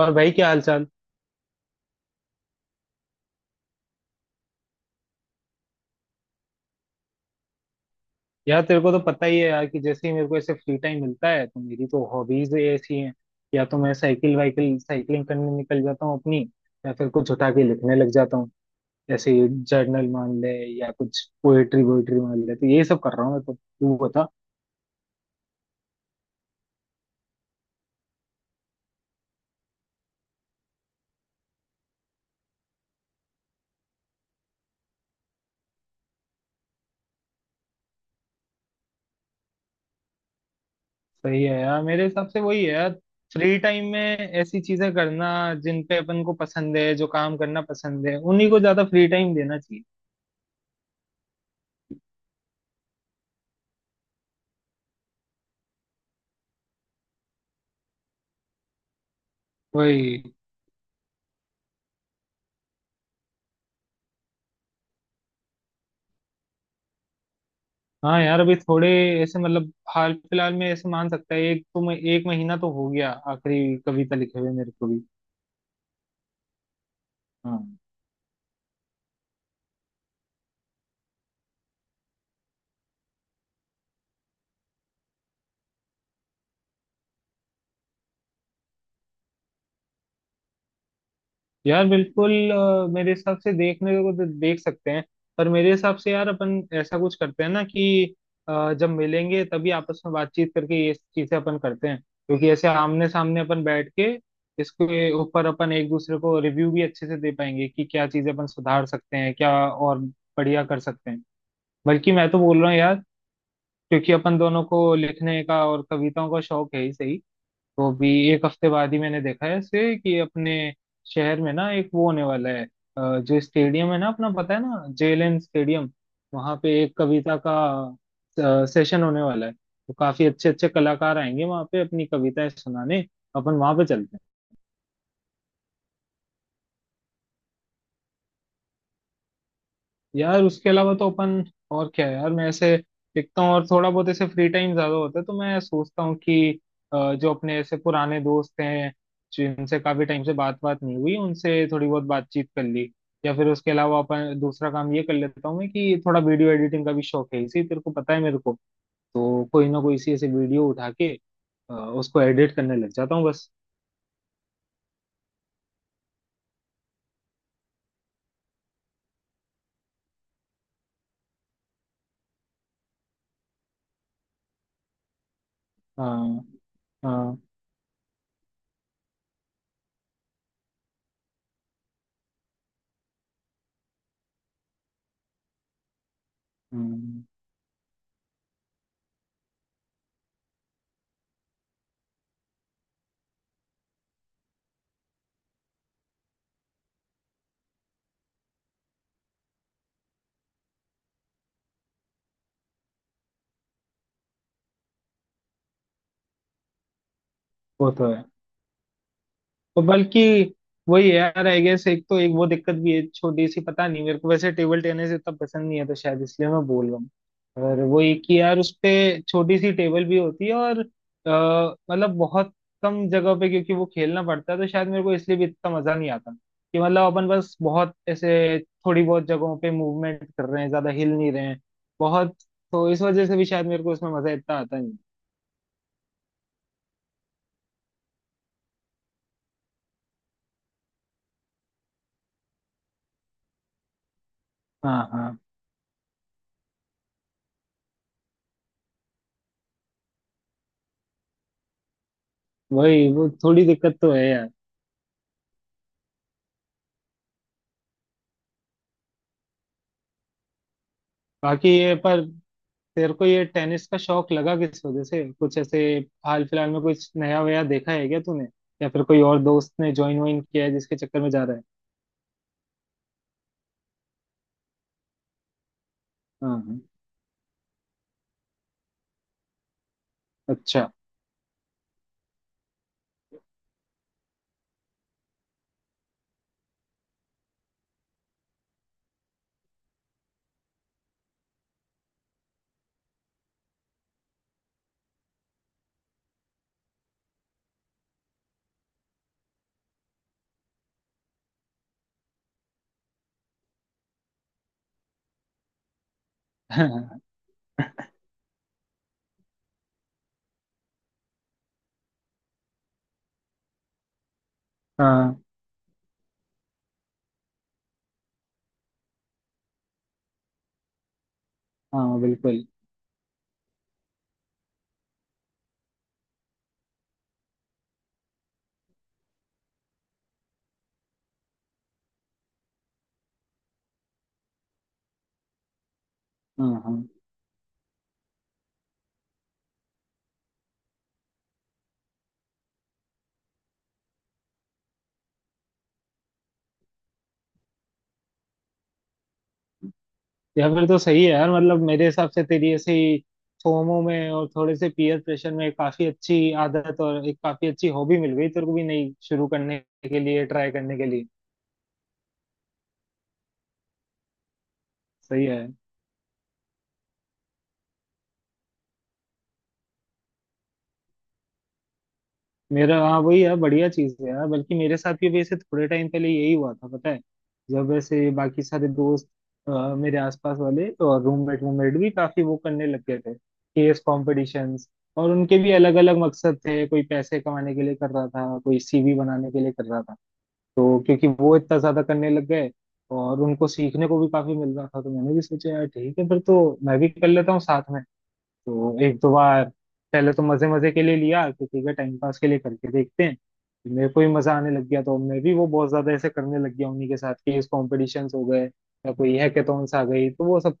और भाई क्या हाल चाल। यार तेरे को तो पता ही है यार कि जैसे ही मेरे को ऐसे फ्री टाइम मिलता है तो मेरी तो हॉबीज ऐसी हैं। या तो मैं साइकिल वाइकिल साइकिलिंग करने निकल जाता हूँ अपनी, या फिर कुछ उठा के लिखने लग जाता हूँ ऐसे। जर्नल मान ले या कुछ पोएट्री वोएट्री मान ले, तो ये सब कर रहा हूँ मैं। तो तू बता। सही है यार, मेरे हिसाब से वही है यार, फ्री टाइम में ऐसी चीजें करना जिन पे अपन को पसंद है, जो काम करना पसंद है उन्हीं को ज्यादा फ्री टाइम देना चाहिए। वही। हाँ यार, अभी थोड़े ऐसे मतलब हाल फिलहाल में ऐसे मान सकता है, एक तो मैं एक महीना तो हो गया आखिरी कविता लिखे हुए मेरे को भी। हाँ यार बिल्कुल, मेरे हिसाब से देखने को तो देख सकते हैं, पर मेरे हिसाब से यार अपन ऐसा कुछ करते हैं ना कि जब मिलेंगे तभी आपस में बातचीत करके ये चीजें अपन करते हैं, क्योंकि ऐसे आमने सामने अपन बैठ के इसके ऊपर अपन एक दूसरे को रिव्यू भी अच्छे से दे पाएंगे कि क्या चीजें अपन सुधार सकते हैं, क्या और बढ़िया कर सकते हैं। बल्कि मैं तो बोल रहा हूँ यार, क्योंकि अपन दोनों को लिखने का और कविताओं का शौक है ही सही, तो अभी एक हफ्ते बाद ही मैंने देखा है ऐसे कि अपने शहर में ना एक वो होने वाला है। जो स्टेडियम है ना अपना, पता है ना, जेएलएन स्टेडियम, वहां पे एक कविता का सेशन होने वाला है। तो काफी अच्छे अच्छे कलाकार आएंगे वहां पे अपनी कविताएं सुनाने, अपन वहां पे चलते हैं। यार उसके अलावा तो अपन और क्या है यार, मैं ऐसे लिखता हूँ, और थोड़ा बहुत ऐसे फ्री टाइम ज्यादा होता है तो मैं सोचता हूँ कि जो अपने ऐसे पुराने दोस्त हैं जिनसे काफी टाइम से बात बात नहीं हुई, उनसे थोड़ी बहुत बातचीत कर ली। या फिर उसके अलावा अपन दूसरा काम ये कर लेता हूँ मैं कि थोड़ा वीडियो एडिटिंग का भी शौक है इसी, तेरे को पता है मेरे को, तो कोई ना कोई इसी ऐसे वीडियो उठा के उसको एडिट करने लग जाता हूँ बस। हाँ हाँ। हम्म। वो तो है। और बल्कि वही है यार, आई गेस एक तो एक वो दिक्कत भी है छोटी सी, पता नहीं मेरे को वैसे टेबल टेनिस इतना पसंद नहीं है तो शायद इसलिए मैं बोल रहा हूँ। और वो एक ही यार, उस पे छोटी सी टेबल भी होती है, और मतलब बहुत कम जगह पे क्योंकि वो खेलना पड़ता है, तो शायद मेरे को इसलिए भी इतना मजा नहीं आता कि मतलब अपन बस बहुत ऐसे थोड़ी बहुत जगहों पे मूवमेंट कर रहे हैं, ज्यादा हिल नहीं रहे हैं बहुत, तो इस वजह से भी शायद मेरे को उसमें मजा इतना आता नहीं। हाँ हाँ। वही वो थोड़ी दिक्कत तो है यार। बाकी ये पर तेरे को ये टेनिस का शौक लगा किस वजह से? कुछ ऐसे हाल फिलहाल में कुछ नया वया देखा है क्या तूने, या फिर कोई और दोस्त ने ज्वाइन वाइन किया है जिसके चक्कर में जा रहा है? हाँ हाँ। अच्छा। हाँ। हाँ बिल्कुल। हाँ हाँ। या फिर तो सही है यार, मतलब मेरे हिसाब से तेरी ऐसे फोमो में और थोड़े से पीयर प्रेशर में काफी अच्छी आदत और एक काफी अच्छी हॉबी मिल गई तेरे को भी, नई शुरू करने के लिए, ट्राई करने के लिए। सही है। मेरा हाँ वही यार, बढ़िया चीज है यार। बल्कि मेरे साथ भी वैसे थोड़े टाइम पहले यही हुआ था पता है, जब वैसे बाकी सारे दोस्त मेरे आसपास वाले और रूममेट रूममेट भी काफी वो करने लग गए थे, केस कॉम्पिटिशंस। और उनके भी अलग अलग मकसद थे, कोई पैसे कमाने के लिए कर रहा था, कोई सीवी बनाने के लिए कर रहा था। तो क्योंकि वो इतना ज्यादा करने लग गए, और उनको सीखने को भी काफी मिल रहा था, तो मैंने भी सोचा यार ठीक है फिर तो मैं भी कर लेता हूँ साथ में। तो एक दो बार पहले तो मजे मजे के लिए लिया कि ठीक है टाइम पास के लिए करके देखते हैं, मेरे को भी मजा आने लग गया, तो मैं भी वो बहुत ज्यादा ऐसे करने लग गया उन्हीं के साथ। क्विज कॉम्पिटिशंस हो गए, या कोई हैकेथॉन्स आ गई, तो वो सब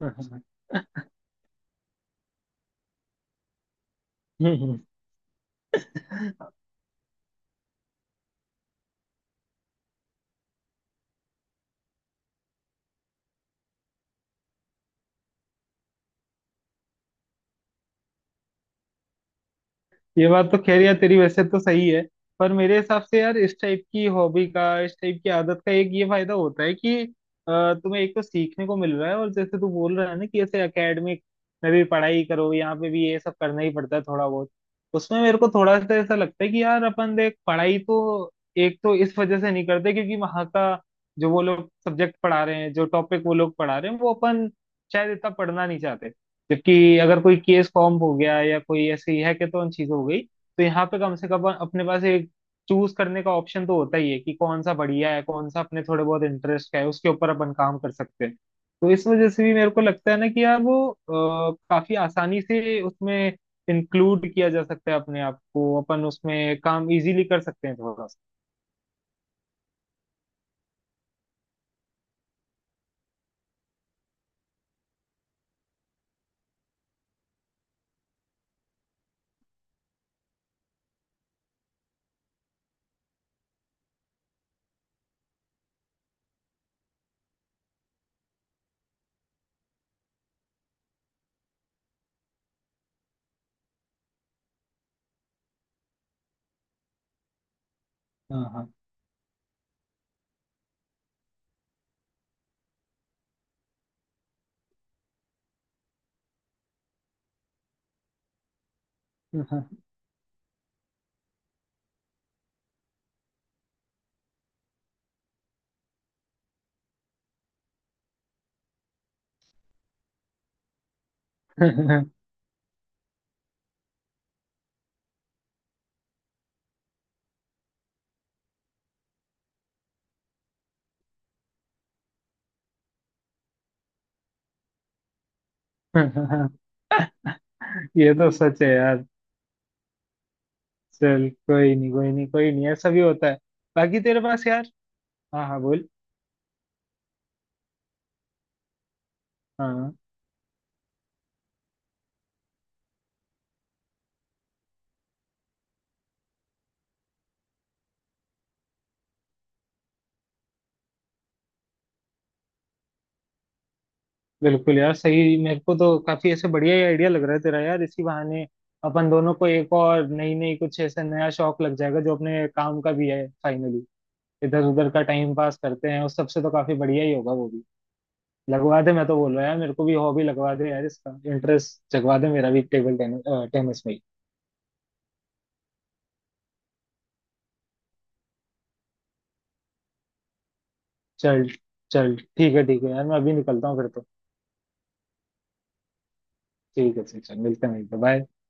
करना। ये बात तो खैर यार तेरी वैसे तो सही है, पर मेरे हिसाब से यार इस टाइप की हॉबी का, इस टाइप की आदत का, एक ये फायदा होता है कि तुम्हें एक तो सीखने को मिल रहा है, और जैसे तू बोल रहा है ना कि ऐसे एकेडमिक में भी पढ़ाई करो, यहाँ पे भी ये सब करना ही पड़ता है थोड़ा बहुत। उसमें मेरे को थोड़ा सा ऐसा लगता है कि यार अपन देख, पढ़ाई तो एक तो इस वजह से नहीं करते क्योंकि वहाँ का जो वो लोग सब्जेक्ट पढ़ा रहे हैं, जो टॉपिक वो लोग पढ़ा रहे हैं, वो अपन शायद इतना पढ़ना नहीं चाहते। जबकि अगर कोई केस फॉर्म हो गया या कोई ऐसी हैकेथॉन चीज हो गई, तो यहाँ पे कम से कम अपने पास एक चूज करने का ऑप्शन तो होता ही है कि कौन सा बढ़िया है, कौन सा अपने थोड़े बहुत इंटरेस्ट का है, उसके ऊपर अपन काम कर सकते हैं। तो इस वजह से भी मेरे को लगता है ना कि यार वो काफी आसानी से उसमें इंक्लूड किया जा सकता है अपने आप को, अपन उसमें काम इजीली कर सकते हैं थोड़ा सा। हाँ हाँ। सा। ये तो सच है यार। चल कोई नहीं, कोई नहीं, कोई नहीं, ऐसा भी होता है। बाकी तेरे पास यार, हाँ हाँ बोल। हाँ हाँ। बिल्कुल यार सही, मेरे को तो काफी ऐसे बढ़िया ही आइडिया लग रहा है तेरा यार, इसी बहाने अपन दोनों को एक और नई नई कुछ ऐसा नया शौक लग जाएगा जो अपने काम का भी है फाइनली। इधर उधर का टाइम पास करते हैं, उस सबसे तो काफी बढ़िया ही होगा वो भी। लगवा दे, मैं तो बोल रहा यार, मेरे को भी हॉबी लगवा दे यार, इसका इंटरेस्ट जगवा दे मेरा भी टेबल टेनिस टेनिस में ही। चल। चल ठीक है, ठीक है यार, मैं अभी निकलता हूँ फिर तो। ठीक है ठीक है, मिलते हैं, मिलते हैं, bye।